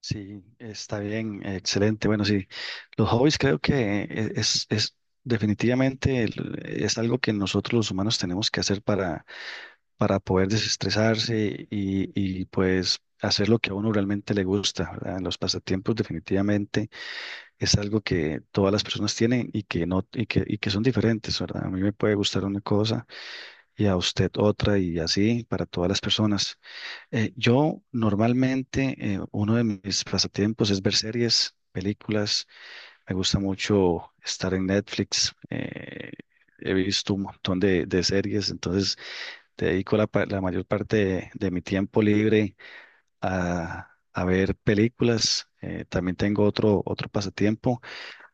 Sí, está bien, excelente. Bueno, sí, los hobbies creo que es definitivamente es algo que nosotros los humanos tenemos que hacer para poder desestresarse y pues hacer lo que a uno realmente le gusta, ¿verdad? Los pasatiempos definitivamente es algo que todas las personas tienen y que no, y que son diferentes, ¿verdad? A mí me puede gustar una cosa y a usted otra y así para todas las personas. Yo normalmente, uno de mis pasatiempos es ver series, películas. Me gusta mucho estar en Netflix. He visto un montón de series, entonces dedico la mayor parte de mi tiempo libre a ver películas. También tengo otro pasatiempo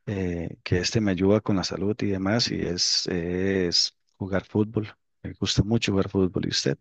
que este me ayuda con la salud y demás, y es jugar fútbol. Me gusta mucho jugar fútbol. ¿Y usted?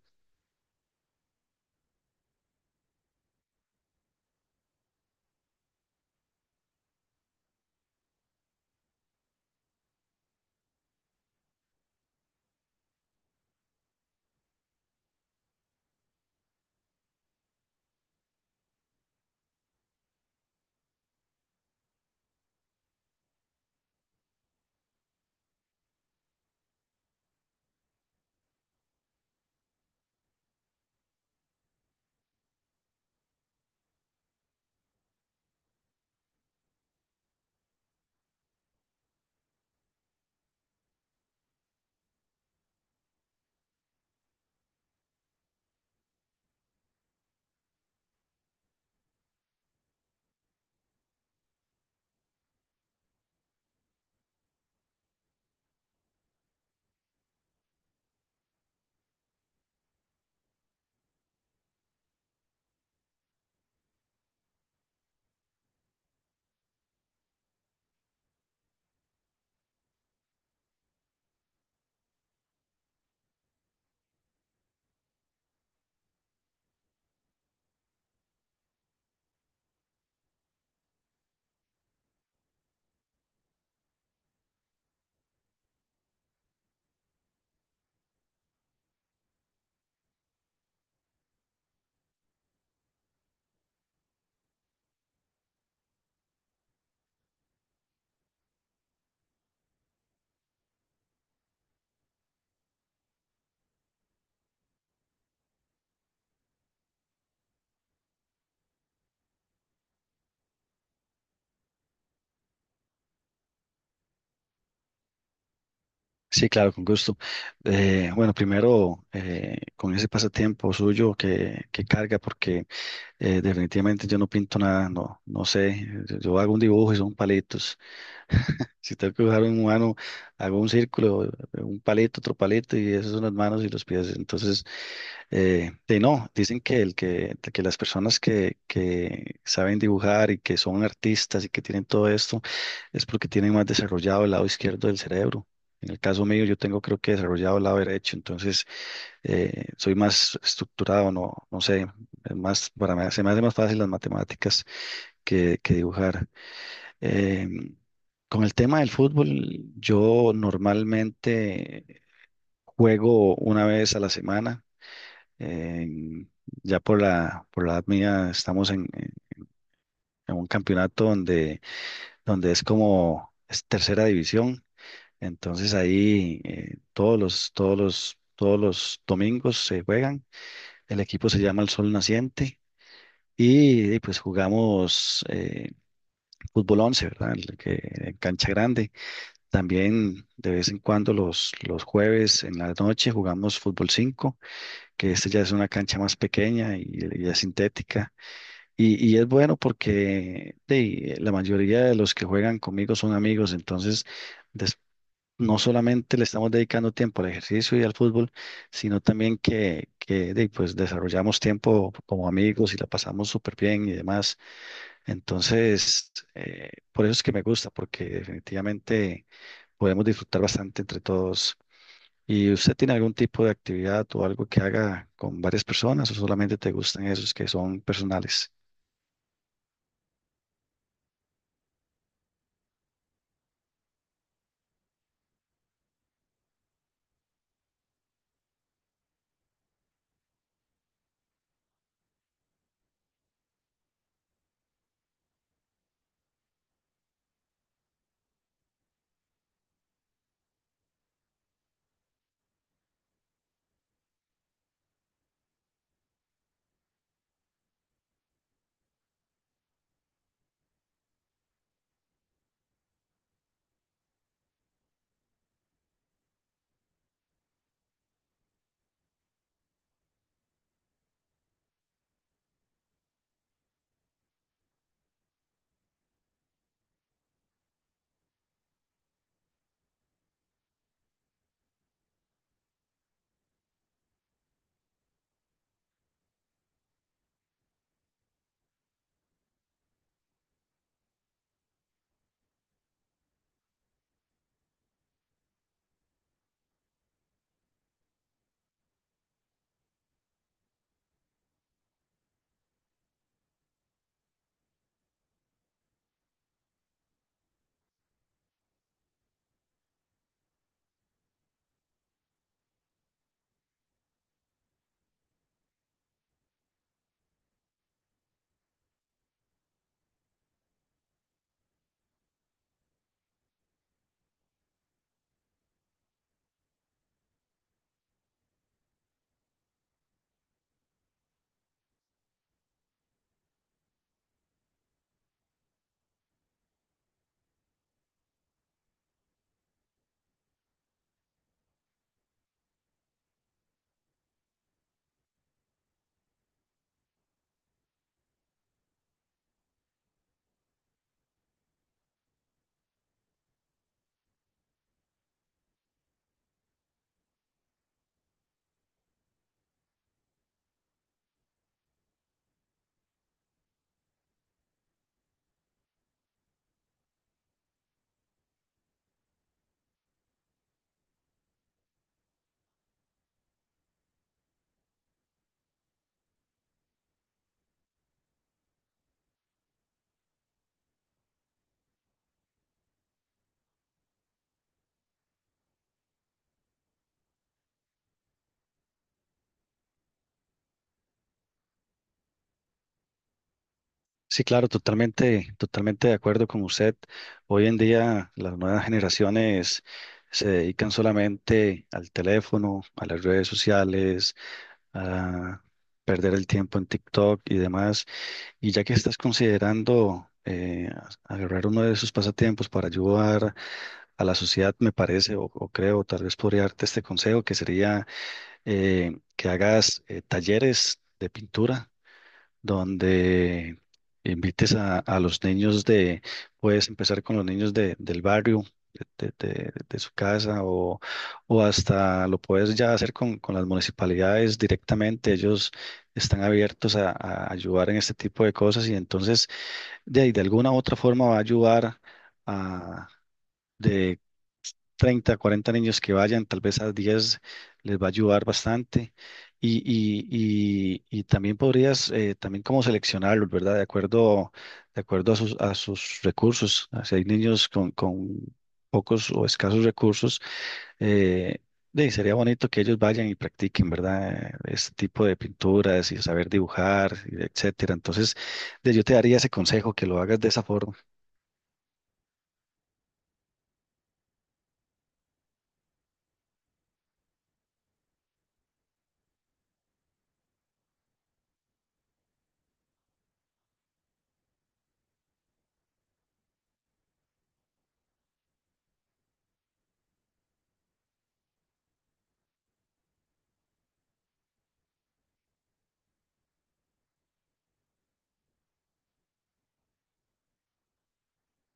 Sí, claro, con gusto. Bueno, primero, con ese pasatiempo suyo que carga, porque definitivamente yo no pinto nada, no, no sé. Yo hago un dibujo y son palitos. Si tengo que dibujar un humano, hago un círculo, un palito, otro palito, y esas son las manos y los pies. Entonces, de no, dicen que que las personas que saben dibujar y que son artistas y que tienen todo esto es porque tienen más desarrollado el lado izquierdo del cerebro. En el caso mío, yo tengo creo que desarrollado el lado derecho, entonces soy más estructurado, no, no sé. Es más, para mí, se me hace más fácil las matemáticas que dibujar. Em, con el tema del fútbol, yo normalmente juego una vez a la semana. Em, ya por la edad mía estamos en un campeonato donde es como es tercera división. Entonces ahí todos los domingos se juegan. El equipo se llama El Sol Naciente. Pues jugamos fútbol 11, ¿verdad? En cancha grande. También de vez en cuando los jueves en la noche jugamos fútbol 5, que este ya es una cancha más pequeña y es sintética. Y es bueno porque la mayoría de los que juegan conmigo son amigos, entonces des- no solamente le estamos dedicando tiempo al ejercicio y al fútbol, sino también pues desarrollamos tiempo como amigos y la pasamos súper bien y demás. Entonces, por eso es que me gusta, porque definitivamente podemos disfrutar bastante entre todos. ¿Y usted tiene algún tipo de actividad o algo que haga con varias personas o solamente te gustan esos que son personales? Sí, claro, totalmente, totalmente de acuerdo con usted. Hoy en día las nuevas generaciones se dedican solamente al teléfono, a las redes sociales, a perder el tiempo en TikTok y demás. Y ya que estás considerando agarrar uno de sus pasatiempos para ayudar a la sociedad, me parece, o creo, tal vez podría darte este consejo, que sería que hagas talleres de pintura donde invites a los niños puedes empezar con los niños del barrio. De su casa o hasta lo puedes ya hacer con las municipalidades directamente. Ellos están abiertos a ayudar en este tipo de cosas y entonces de alguna u otra forma va a ayudar a de 30 a 40 niños que vayan, tal vez a 10 les va a ayudar bastante. Y también podrías, también como seleccionarlos, ¿verdad? De acuerdo a sus recursos. Ah, si hay niños con pocos o escasos recursos, eh, de sería bonito que ellos vayan y practiquen, ¿verdad? Este tipo de pinturas y saber dibujar, etcétera. Entonces, yo te daría ese consejo, que lo hagas de esa forma.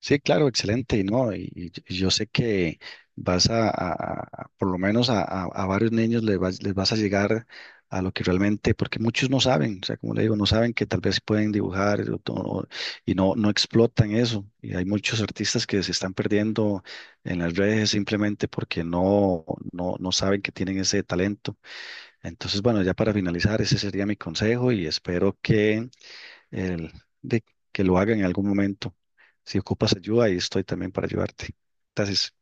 Sí, claro, excelente, y no, y yo sé que vas por lo menos a varios niños les vas a llegar a lo que realmente, porque muchos no saben, o sea, como le digo, no saben que tal vez pueden dibujar y no explotan eso, y hay muchos artistas que se están perdiendo en las redes simplemente porque no saben que tienen ese talento. Entonces, bueno, ya para finalizar, ese sería mi consejo y espero que el- de que lo haga en algún momento. Si ocupas ayuda, ahí estoy también para ayudarte. Entonces,